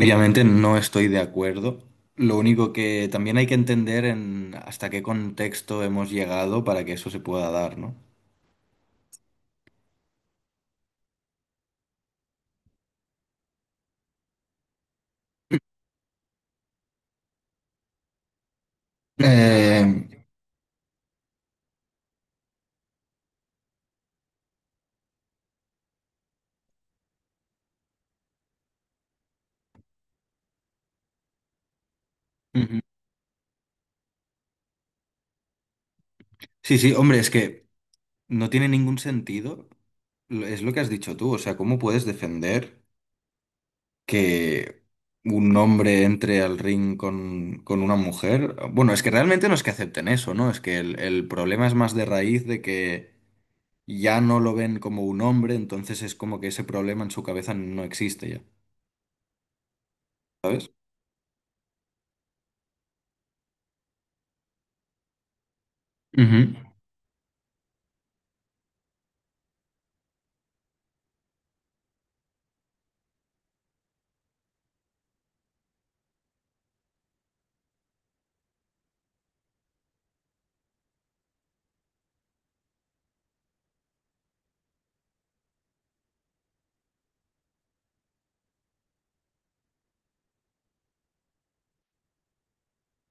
Obviamente no estoy de acuerdo. Lo único que también hay que entender en hasta qué contexto hemos llegado para que eso se pueda dar, ¿no? Eh, Ujú. Sí, sí, hombre, es que no tiene ningún sentido. Es lo que has dicho tú, o sea, ¿cómo puedes defender que un hombre entre al ring con una mujer? Bueno, es que realmente no es que acepten eso, ¿no? Es que el problema es más de raíz de que ya no lo ven como un hombre, entonces es como que ese problema en su cabeza no existe ya, ¿sabes? Ujú.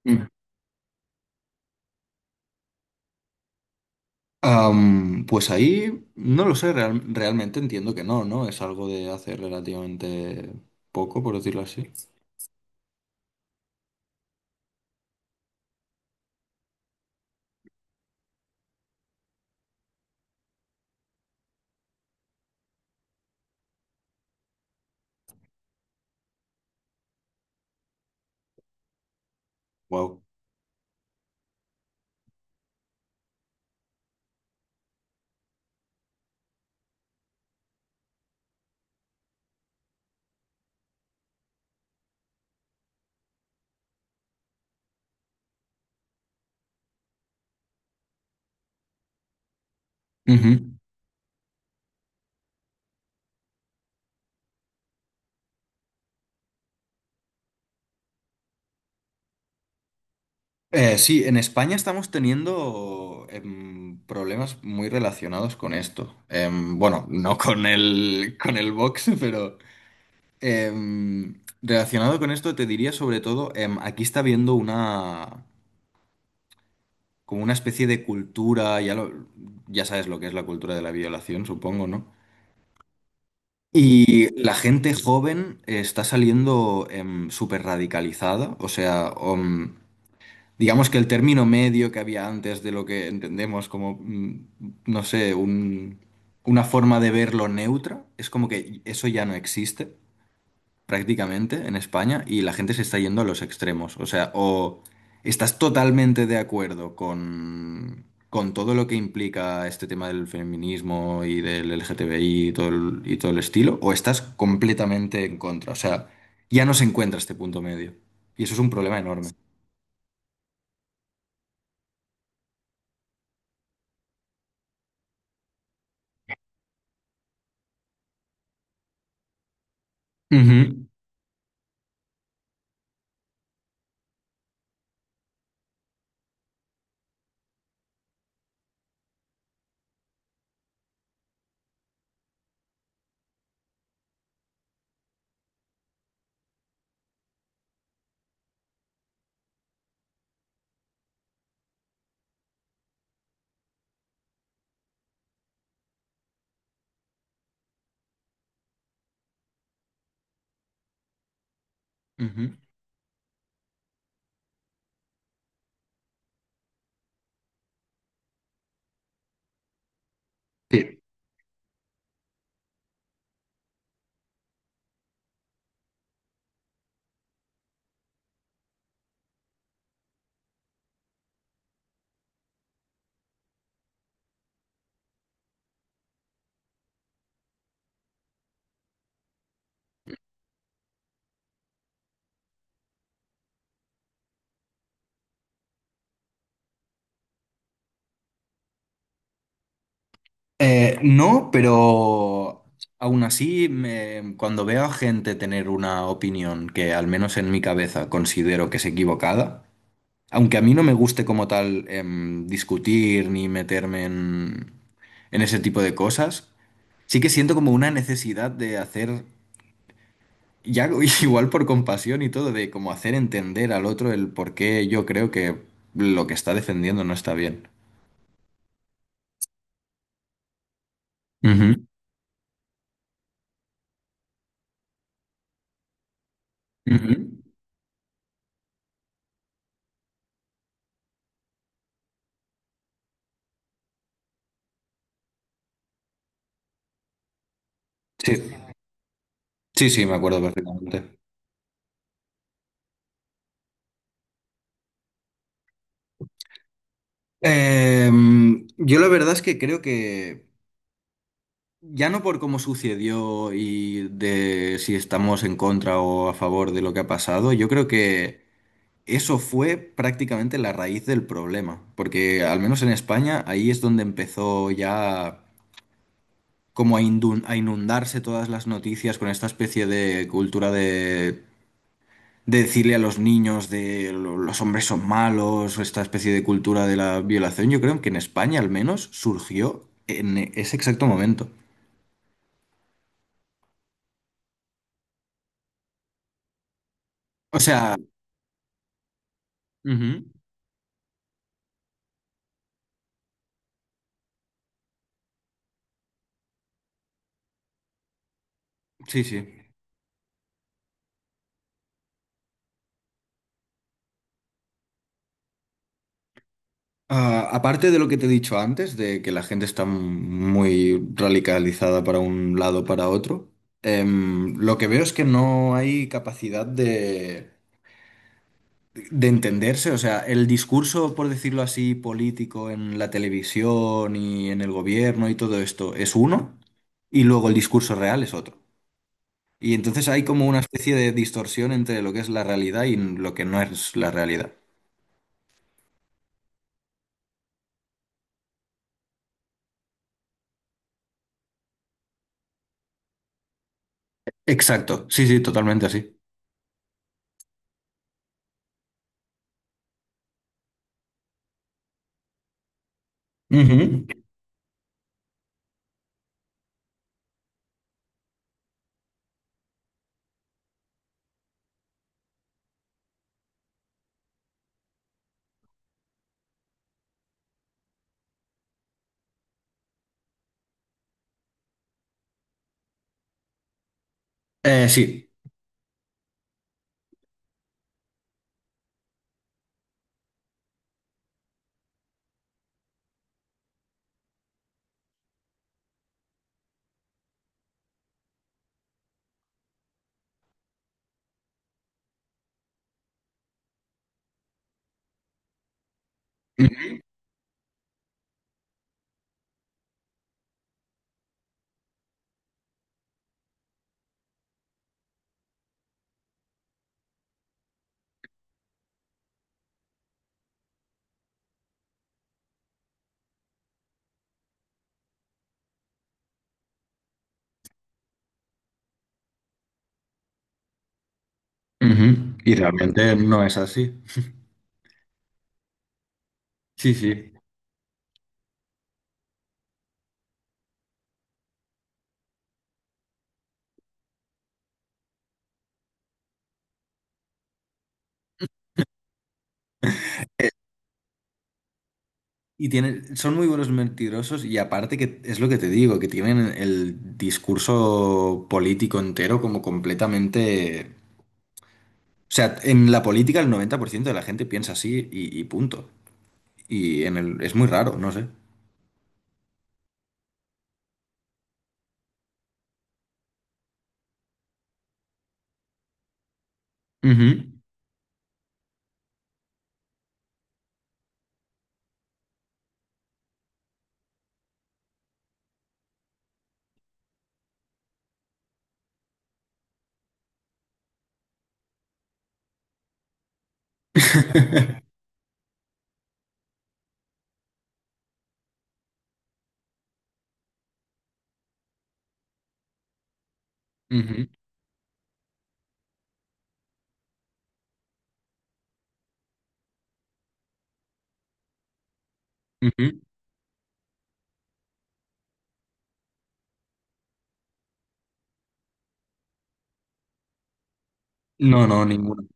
Mm. Pues ahí no lo sé, realmente entiendo que no, ¿no? Es algo de hace relativamente poco, por decirlo así. Wow. Ujú. Sí, en España estamos teniendo problemas muy relacionados con esto. Bueno, no con el, box, pero... Relacionado con esto, te diría sobre todo, aquí está habiendo como una especie de cultura, ya sabes lo que es la cultura de la violación, supongo, ¿no? Y la gente joven está saliendo súper radicalizada, o sea, digamos que el término medio que había antes de lo que entendemos como, no sé, una forma de verlo neutra, es como que eso ya no existe prácticamente en España y la gente se está yendo a los extremos. O sea, o estás totalmente de acuerdo con todo lo que implica este tema del feminismo y del LGTBI y todo el estilo, o estás completamente en contra. O sea, ya no se encuentra este punto medio. Y eso es un problema enorme. Ujú, ujú. Sí. No, pero aún así, cuando veo a gente tener una opinión que al menos en mi cabeza considero que es equivocada, aunque a mí no me guste como tal discutir ni meterme en ese tipo de cosas, sí que siento como una necesidad de hacer, ya igual por compasión y todo, de como hacer entender al otro el por qué yo creo que lo que está defendiendo no está bien. Ujú, ujú. Sí, sí, sí, me acuerdo perfectamente. Yo la verdad es que creo que ya no por cómo sucedió y de si estamos en contra o a favor de lo que ha pasado, yo creo que eso fue prácticamente la raíz del problema, porque al menos en España ahí es donde empezó ya como a inundarse todas las noticias con esta especie de cultura de decirle a los niños los hombres son malos, o esta especie de cultura de la violación, yo creo que en España al menos surgió en ese exacto momento. O sea... Ujú. Sí, sí. Ah, aparte de lo que te he dicho antes, de que la gente está muy radicalizada para un lado para otro, lo que veo es que no hay capacidad de entenderse. O sea, el discurso, por decirlo así, político en la televisión y en el gobierno y todo esto es uno, y luego el discurso real es otro. Y entonces hay como una especie de distorsión entre lo que es la realidad y lo que no es la realidad. Exacto, sí, sí, totalmente así. Ujú. Sí. Ujú. Y realmente no es así. Sí, sí. Y tienen, son muy buenos mentirosos y aparte que es lo que te digo, que tienen el discurso político entero como completamente... O sea, en la política el 90% de la gente piensa así y punto. Y es muy raro, no sé. Ujú. Ujú, ujú. No, no, ninguno.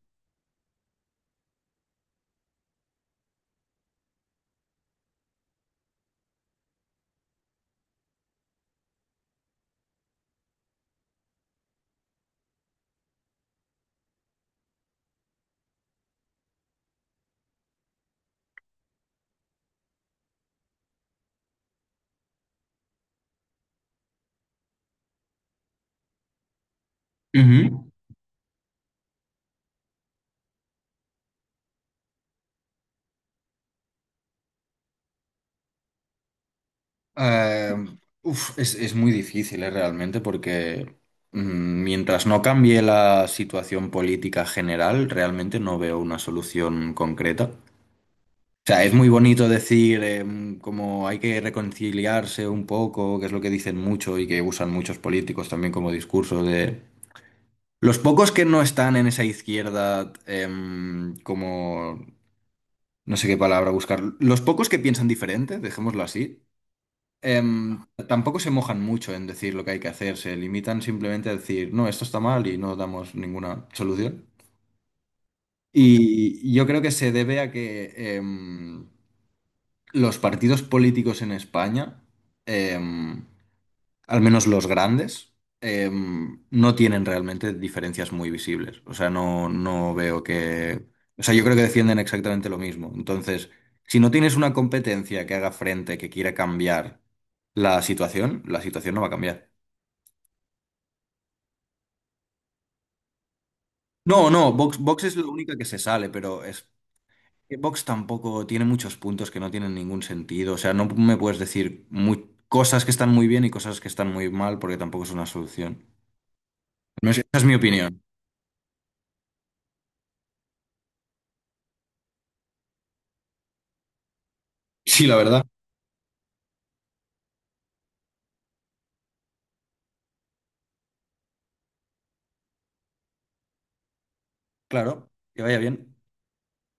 Eh, Uf, es muy difícil, realmente, porque mientras no cambie la situación política general, realmente no veo una solución concreta. O sea, es muy bonito decir como hay que reconciliarse un poco, que es lo que dicen mucho y que usan muchos políticos también como discurso de... Los pocos que no están en esa izquierda, como... No sé qué palabra buscar. Los pocos que piensan diferente, dejémoslo así. Tampoco se mojan mucho en decir lo que hay que hacer, se limitan simplemente a decir, no, esto está mal y no damos ninguna solución. Y yo creo que se debe a que los partidos políticos en España, em, al menos los grandes, no tienen realmente diferencias muy visibles. O sea, no, no veo que... O sea, yo creo que defienden exactamente lo mismo. Entonces, si no tienes una competencia que haga frente, que quiera cambiar la situación no va a cambiar. No, no, Vox es la única que se sale, pero es que Vox tampoco tiene muchos puntos que no tienen ningún sentido. O sea, no me puedes decir cosas que están muy bien y cosas que están muy mal porque tampoco es una solución. Al menos esa es mi opinión. Sí, la verdad. Claro, que vaya bien.